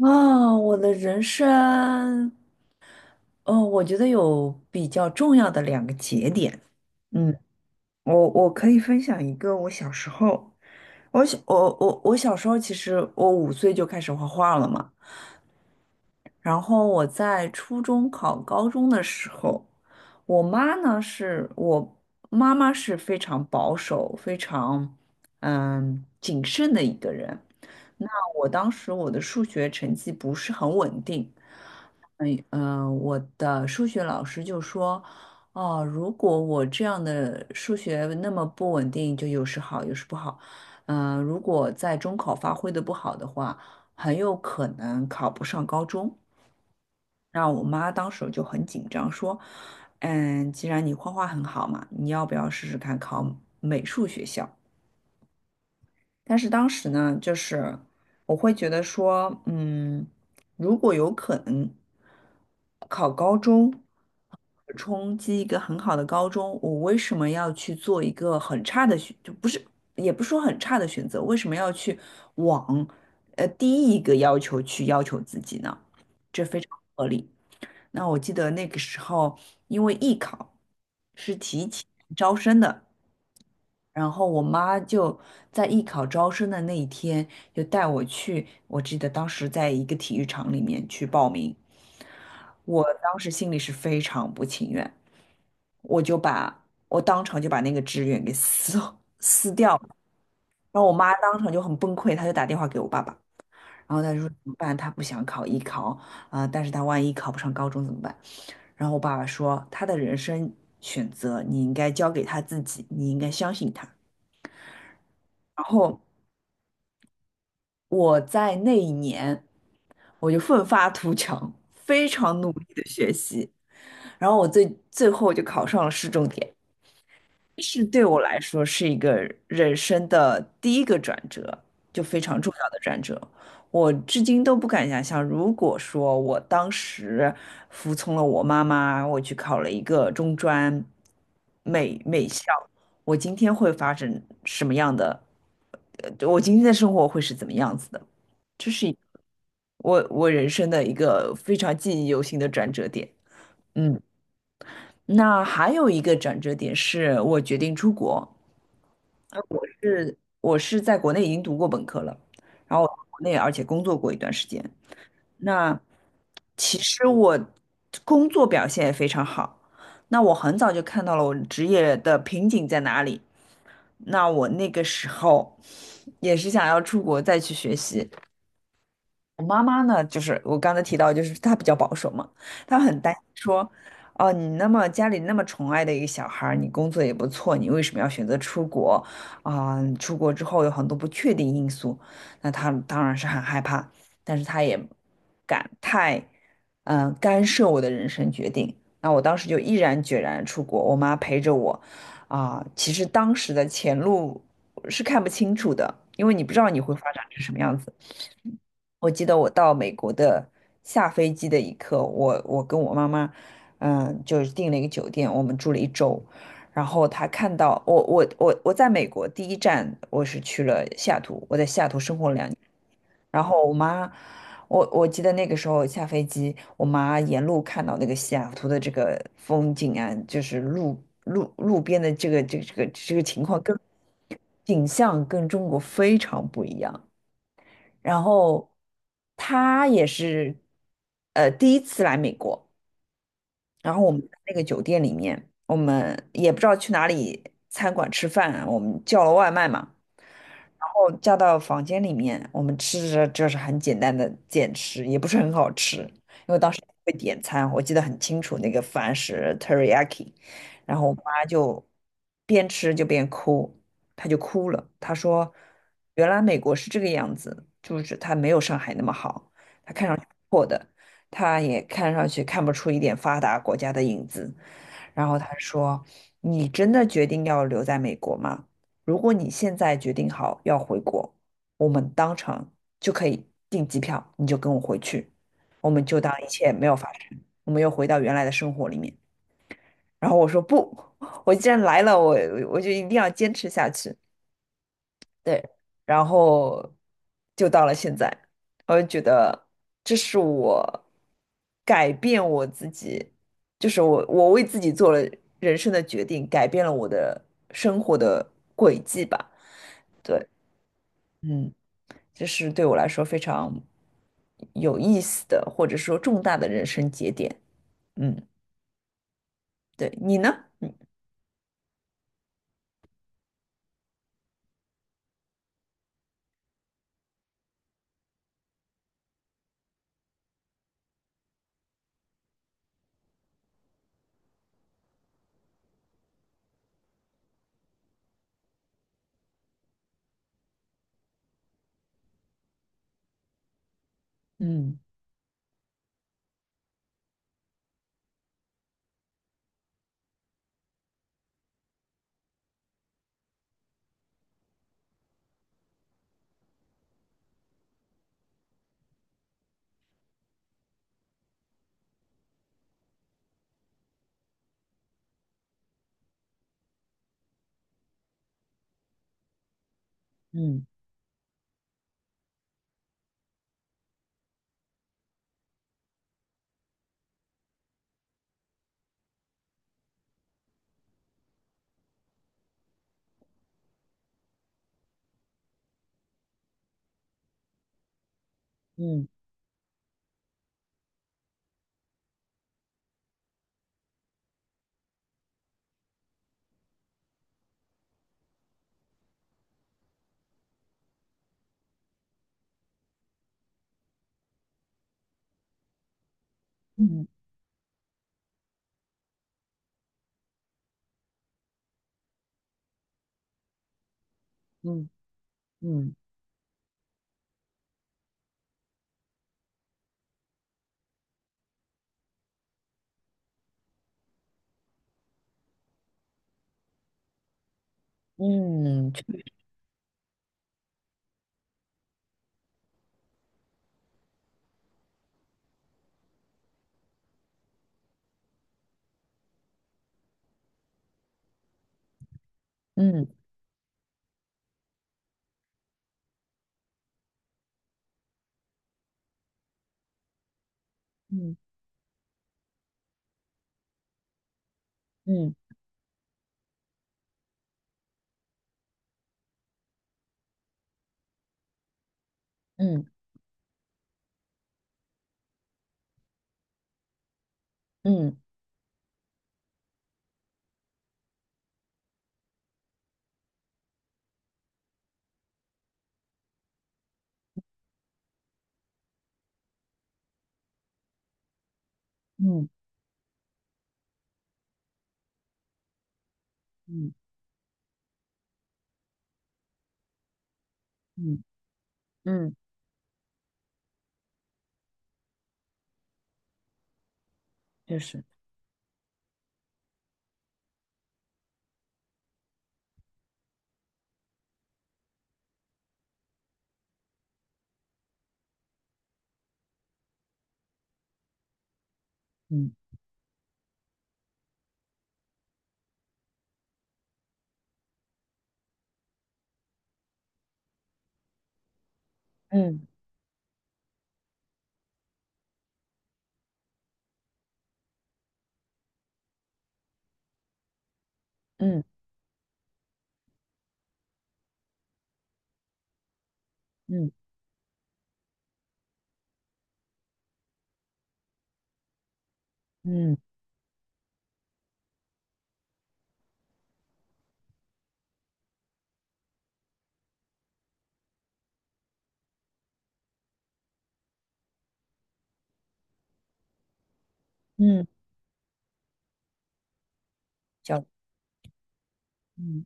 啊，我的人生，嗯，我觉得有比较重要的两个节点。嗯，我可以分享一个我小时候，我小时候其实我5岁就开始画画了嘛。然后我在初中考高中的时候，我妈呢是我妈妈是非常保守、非常谨慎的一个人。那我当时我的数学成绩不是很稳定。我的数学老师就说，哦，如果我这样的数学那么不稳定，就有时好，有时不好。如果在中考发挥的不好的话，很有可能考不上高中。那我妈当时就很紧张，说，既然你画画很好嘛，你要不要试试看考美术学校？但是当时呢，就是我会觉得说，如果有可能考高中，冲击一个很好的高中，我为什么要去做一个很差的选，就不是，也不是说很差的选择，为什么要去往第一个要求去要求自己呢？这非常不合理。那我记得那个时候，因为艺考是提前招生的。然后我妈就在艺考招生的那一天，就带我去。我记得当时在一个体育场里面去报名，我当时心里是非常不情愿，我当场就把那个志愿给撕 撕掉了。然后我妈当场就很崩溃，她就打电话给我爸爸，然后她说怎么办？她不想考艺考啊、但是她万一考不上高中怎么办？然后我爸爸说，她的人生选择你应该交给她自己，你应该相信她。然后我在那一年我就奋发图强，非常努力的学习，然后我最后就考上了市重点，是对我来说是一个人生的第一个转折，就非常重要的转折。我至今都不敢想象，如果说我当时服从了我妈妈，我去考了一个中专美校，我今天会发生什么样的？我今天的生活会是怎么样子的？这是一我人生的一个非常记忆犹新的转折点。嗯，那还有一个转折点是我决定出国。我是在国内已经读过本科了，然后我在国内而且工作过一段时间。那其实我工作表现也非常好。那我很早就看到了我职业的瓶颈在哪里。那我那个时候也是想要出国再去学习，我妈妈呢，就是我刚才提到，就是她比较保守嘛，她很担心说，哦，你那么家里那么宠爱的一个小孩儿你工作也不错，你为什么要选择出国？啊、出国之后有很多不确定因素，那她当然是很害怕，但是她也不敢太，干涉我的人生决定。那我当时就毅然决然出国，我妈陪着我，啊、其实当时的前路是看不清楚的，因为你不知道你会发展成什么样子。我记得我到美国的下飞机的一刻，我跟我妈妈，就是订了一个酒店，我们住了1周。然后她看到我我我我在美国第一站我是去了西雅图，我在西雅图生活了2年。然后我记得那个时候下飞机，我妈沿路看到那个西雅图的这个风景啊，就是路边的这个情况跟景象跟中国非常不一样。然后他也是第一次来美国，然后我们在那个酒店里面，我们也不知道去哪里餐馆吃饭啊我们叫了外卖嘛，然后叫到房间里面，我们吃着就是很简单的简吃，也不是很好吃，因为当时会点餐，我记得很清楚，那个饭是 teriyaki，然后我妈就边吃就边哭，她就哭了，她说原来美国是这个样子，就是它没有上海那么好的，他也看上去看不出一点发达国家的影子。然后他说：“你真的决定要留在美国吗？如果你现在决定好要回国，我们当场就可以订机票，你就跟我回去，我们就当一切没有发生，我们又回到原来的生活里面。”然后我说：“不，我既然来了，我就一定要坚持下去。”对，然后就到了现在，我就觉得这是我改变我自己，就是我为自己做了人生的决定，改变了我的生活的轨迹吧。对，嗯，这是对我来说非常有意思的，或者说重大的人生节点。嗯，对，你呢？嗯嗯嗯嗯嗯嗯嗯嗯嗯，嗯嗯嗯嗯嗯嗯。嗯嗯嗯嗯，就是嗯嗯嗯嗯嗯嗯，小，嗯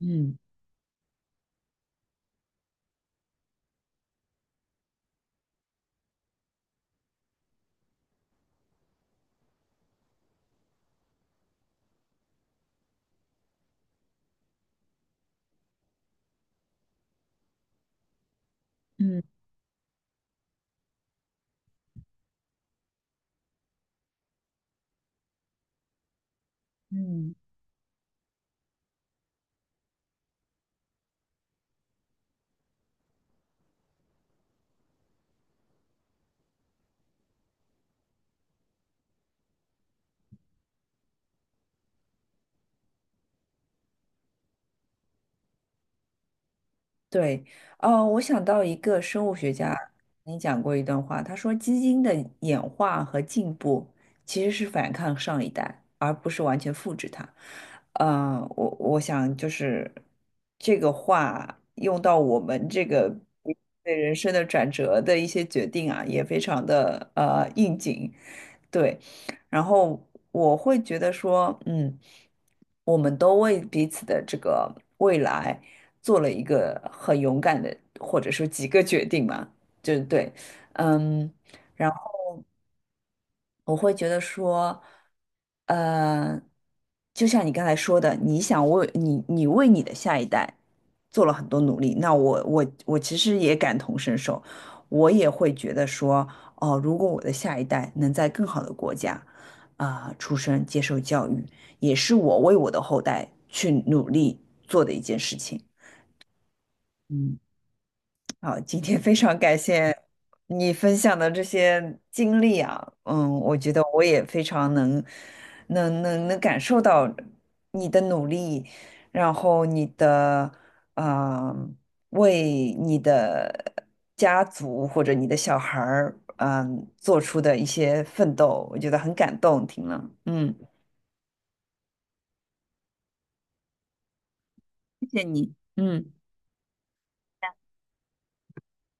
嗯嗯嗯，对。哦，我想到一个生物学家，你讲过一段话，他说基因的演化和进步其实是反抗上一代，而不是完全复制它。我想就是这个话用到我们这个对人生的转折的一些决定啊，也非常的应景。对，然后我会觉得说，我们都为彼此的这个未来做了一个很勇敢的，或者说几个决定嘛，就是对，嗯。然我会觉得说，呃，就像你刚才说的，你想为你的下一代做了很多努力，那我其实也感同身受，我也会觉得说，哦，如果我的下一代能在更好的国家啊，出生接受教育，也是我为我的后代去努力做的一件事情。嗯。好，今天非常感谢你分享的这些经历啊，我觉得我也非常能，能感受到你的努力，然后你的，啊为你的家族或者你的小孩儿，做出的一些奋斗，我觉得很感动，听了，谢谢你，嗯。